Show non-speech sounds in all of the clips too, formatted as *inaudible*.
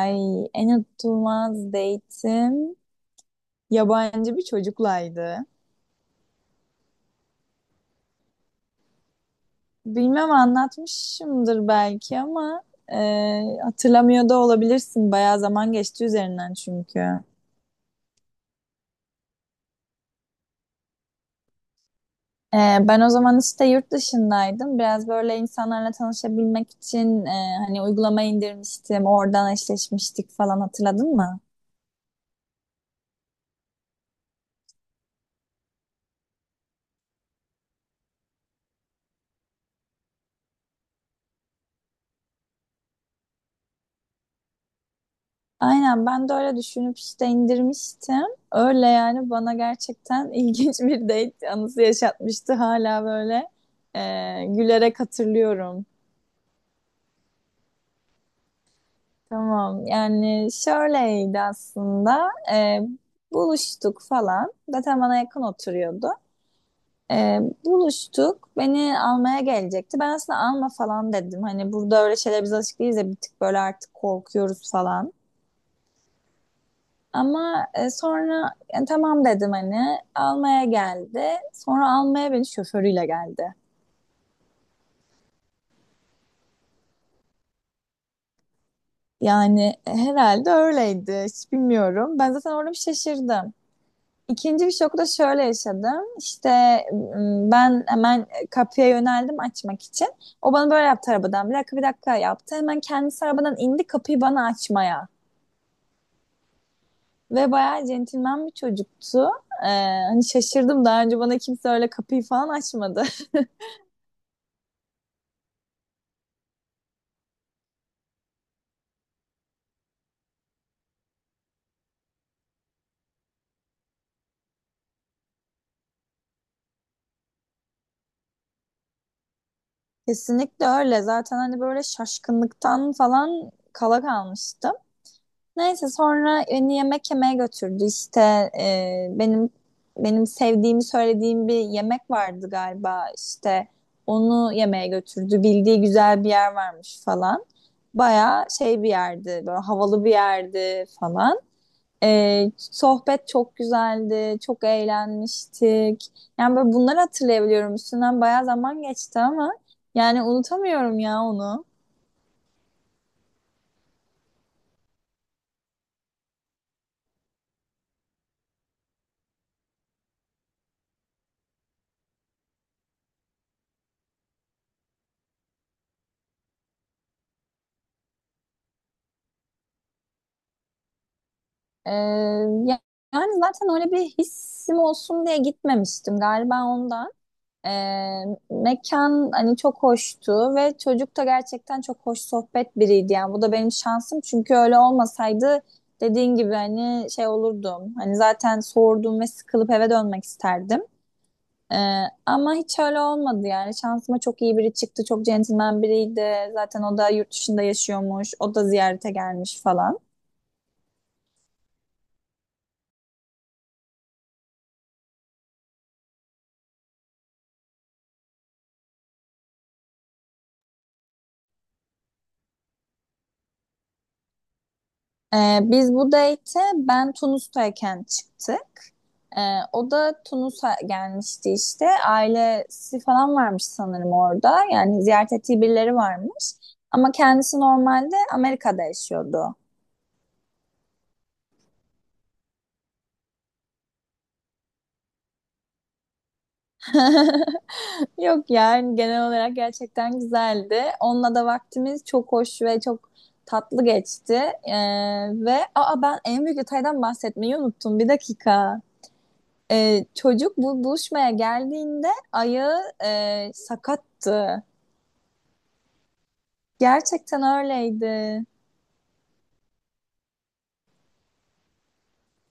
Ay en unutulmaz date'im yabancı bir çocuklaydı. Bilmem anlatmışımdır belki ama e, hatırlamıyor da olabilirsin. Bayağı zaman geçti üzerinden çünkü. E, Ben o zaman işte yurt dışındaydım. Biraz böyle insanlarla tanışabilmek için hani uygulama indirmiştim. Oradan eşleşmiştik falan hatırladın mı? Aynen ben de öyle düşünüp işte indirmiştim. Öyle yani bana gerçekten *laughs* ilginç bir date anısı yaşatmıştı hala böyle e, gülerek hatırlıyorum. Tamam yani şöyleydi aslında. Buluştuk falan zaten bana yakın oturuyordu. Buluştuk beni almaya gelecekti, ben aslında alma falan dedim, hani burada öyle şeyler biz alışık değiliz ya, bir tık böyle artık korkuyoruz falan. Ama sonra yani tamam dedim hani almaya geldi. Sonra almaya beni şoförüyle geldi. Yani herhalde öyleydi. Hiç bilmiyorum. Ben zaten orada bir şaşırdım. İkinci bir şoku da şöyle yaşadım. İşte ben hemen kapıya yöneldim açmak için. O bana böyle yaptı arabadan. Bir dakika bir dakika yaptı. Hemen kendisi arabadan indi kapıyı bana açmaya. Ve bayağı centilmen bir çocuktu. Ee, Hani şaşırdım. Daha önce bana kimse öyle kapıyı falan açmadı. Kesinlikle öyle. Zaten hani böyle şaşkınlıktan falan kala kalmıştım. Neyse sonra beni yemek yemeye götürdü. İşte e, benim benim sevdiğimi söylediğim bir yemek vardı galiba. İşte onu yemeye götürdü. Bildiği güzel bir yer varmış falan. Baya şey bir yerdi, böyle havalı bir yerdi falan. Sohbet çok güzeldi, çok eğlenmiştik. Yani böyle bunları hatırlayabiliyorum. Üstünden bayağı zaman geçti ama yani unutamıyorum ya onu. Ee, ya- Yani zaten öyle bir hissim olsun diye gitmemiştim galiba ondan. Ee, Mekan hani çok hoştu ve çocuk da gerçekten çok hoş sohbet biriydi. Yani bu da benim şansım çünkü öyle olmasaydı dediğin gibi hani şey olurdum. Hani zaten sordum ve sıkılıp eve dönmek isterdim. Ama hiç öyle olmadı yani. Şansıma çok iyi biri çıktı. Çok centilmen biriydi. Zaten o da yurt dışında yaşıyormuş. O da ziyarete gelmiş falan. Biz bu date'e ben Tunus'tayken çıktık. O da Tunus'a gelmişti işte. Ailesi falan varmış sanırım orada. Yani ziyaret ettiği birileri varmış. Ama kendisi normalde Amerika'da yaşıyordu. *laughs* Yok yani genel olarak gerçekten güzeldi. Onunla da vaktimiz çok hoş ve çok tatlı geçti. Ee, Ve aa ben en büyük detaydan bahsetmeyi unuttum. Bir dakika. Çocuk bu buluşmaya geldiğinde ayağı sakattı. Gerçekten öyleydi.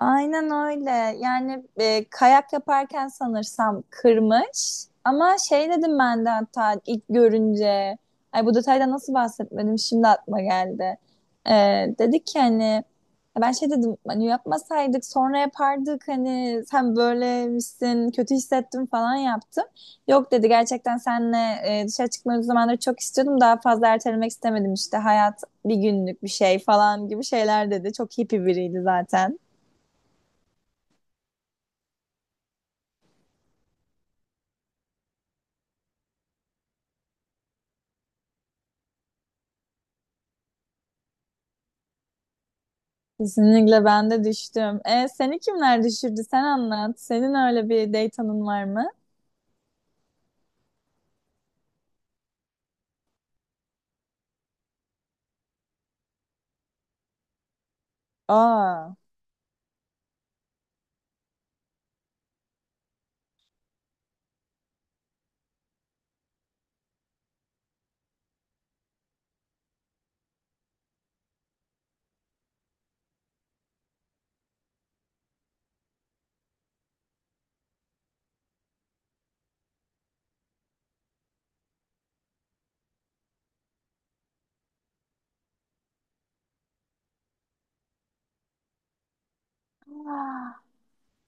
Aynen öyle. Yani kayak yaparken sanırsam kırmış. Ama şey dedim ben de hatta ilk görünce. Ay bu detayda nasıl bahsetmedim şimdi aklıma geldi. E, Dedik ki hani ben şey dedim hani yapmasaydık sonra yapardık hani sen böylemişsin kötü hissettim falan yaptım. Yok dedi gerçekten senle dışarı çıkmayı o zamanları çok istiyordum, daha fazla ertelemek istemedim, işte hayat bir günlük bir şey falan gibi şeyler dedi. Çok hippie biriydi zaten. Kesinlikle ben de düştüm. Seni kimler düşürdü? Sen anlat. Senin öyle bir date anın var mı? Aa,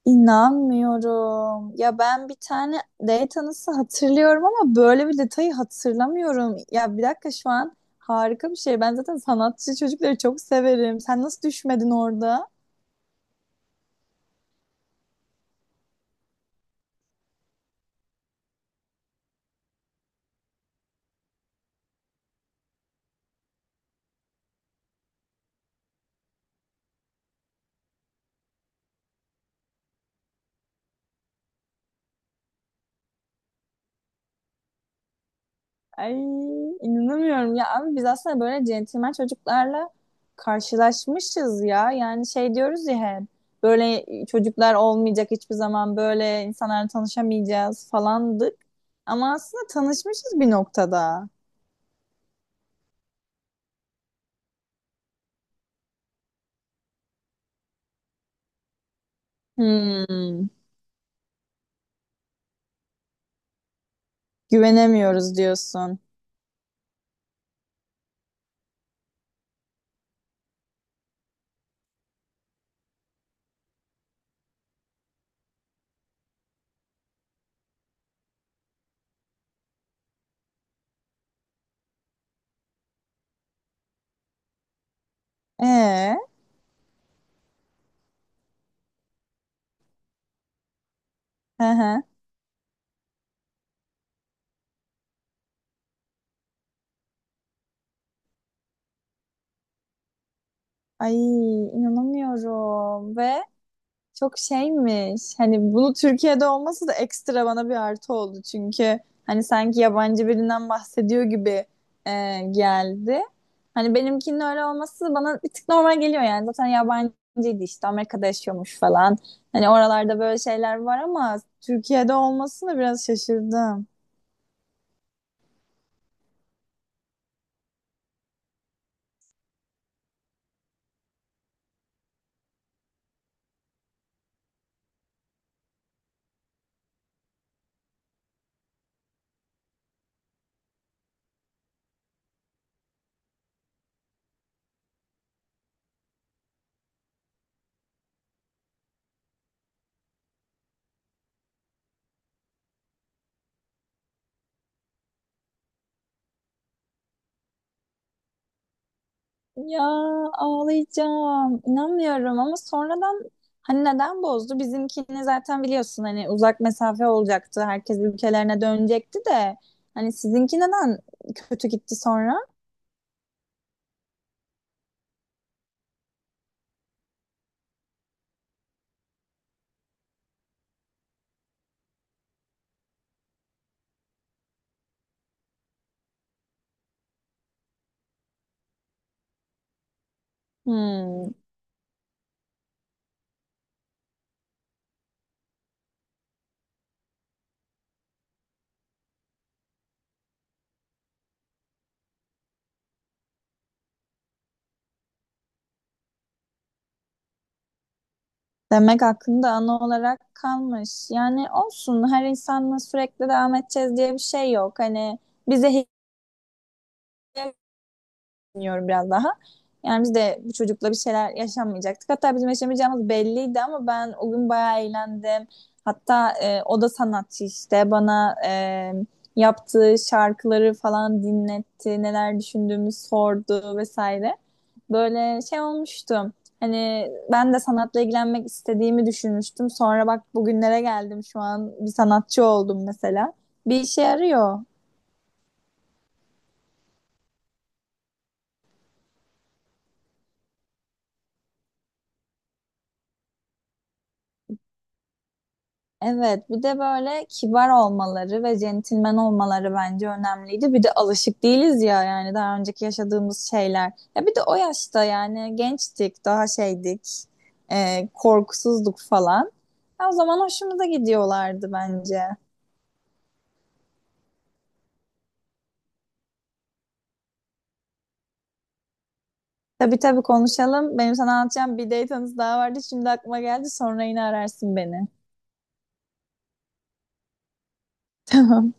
inanmıyorum. Ya ben bir tane date anısı hatırlıyorum ama böyle bir detayı hatırlamıyorum. Ya bir dakika, şu an harika bir şey. Ben zaten sanatçı çocukları çok severim. Sen nasıl düşmedin orada? Ay inanamıyorum ya abi, biz aslında böyle centilmen çocuklarla karşılaşmışız ya. Yani şey diyoruz ya hep, böyle çocuklar olmayacak, hiçbir zaman böyle insanlarla tanışamayacağız falandık. Ama aslında tanışmışız bir noktada. Hmm, güvenemiyoruz diyorsun. Ee, hı hı. Ay inanamıyorum ve çok şeymiş. Hani bunu Türkiye'de olması da ekstra bana bir artı oldu. Çünkü hani sanki yabancı birinden bahsediyor gibi geldi. Hani benimkinin öyle olması bana bir tık normal geliyor yani. Zaten yabancıydı işte Amerika'da yaşıyormuş falan. Hani oralarda böyle şeyler var ama Türkiye'de olmasına biraz şaşırdım. Ya ağlayacağım. İnanmıyorum ama sonradan hani neden bozdu? Bizimkini zaten biliyorsun hani uzak mesafe olacaktı. Herkes ülkelerine dönecekti de hani sizinki neden kötü gitti sonra? Hmm. Demek aklında ana olarak kalmış. Yani olsun, her insanla sürekli devam edeceğiz diye bir şey yok. Hani bize hediye düşünüyorum biraz daha. Yani biz de bu çocukla bir şeyler yaşamayacaktık. Hatta bizim yaşamayacağımız belliydi ama ben o gün bayağı eğlendim. Hatta o da sanatçı işte bana yaptığı şarkıları falan dinletti, neler düşündüğümü sordu vesaire. Böyle şey olmuştu. Hani ben de sanatla ilgilenmek istediğimi düşünmüştüm. Sonra bak bugünlere geldim, şu an bir sanatçı oldum mesela. Bir işe yarıyor. Evet, bir de böyle kibar olmaları ve centilmen olmaları bence önemliydi. Bir de alışık değiliz ya yani daha önceki yaşadığımız şeyler. Ya bir de o yaşta yani gençtik, daha şeydik, korkusuzduk falan. Ya o zaman hoşumuza gidiyorlardı bence. Tabii tabii konuşalım. Benim sana anlatacağım bir date anısı daha vardı. Şimdi aklıma geldi. Sonra yine ararsın beni. *laughs* Tamam.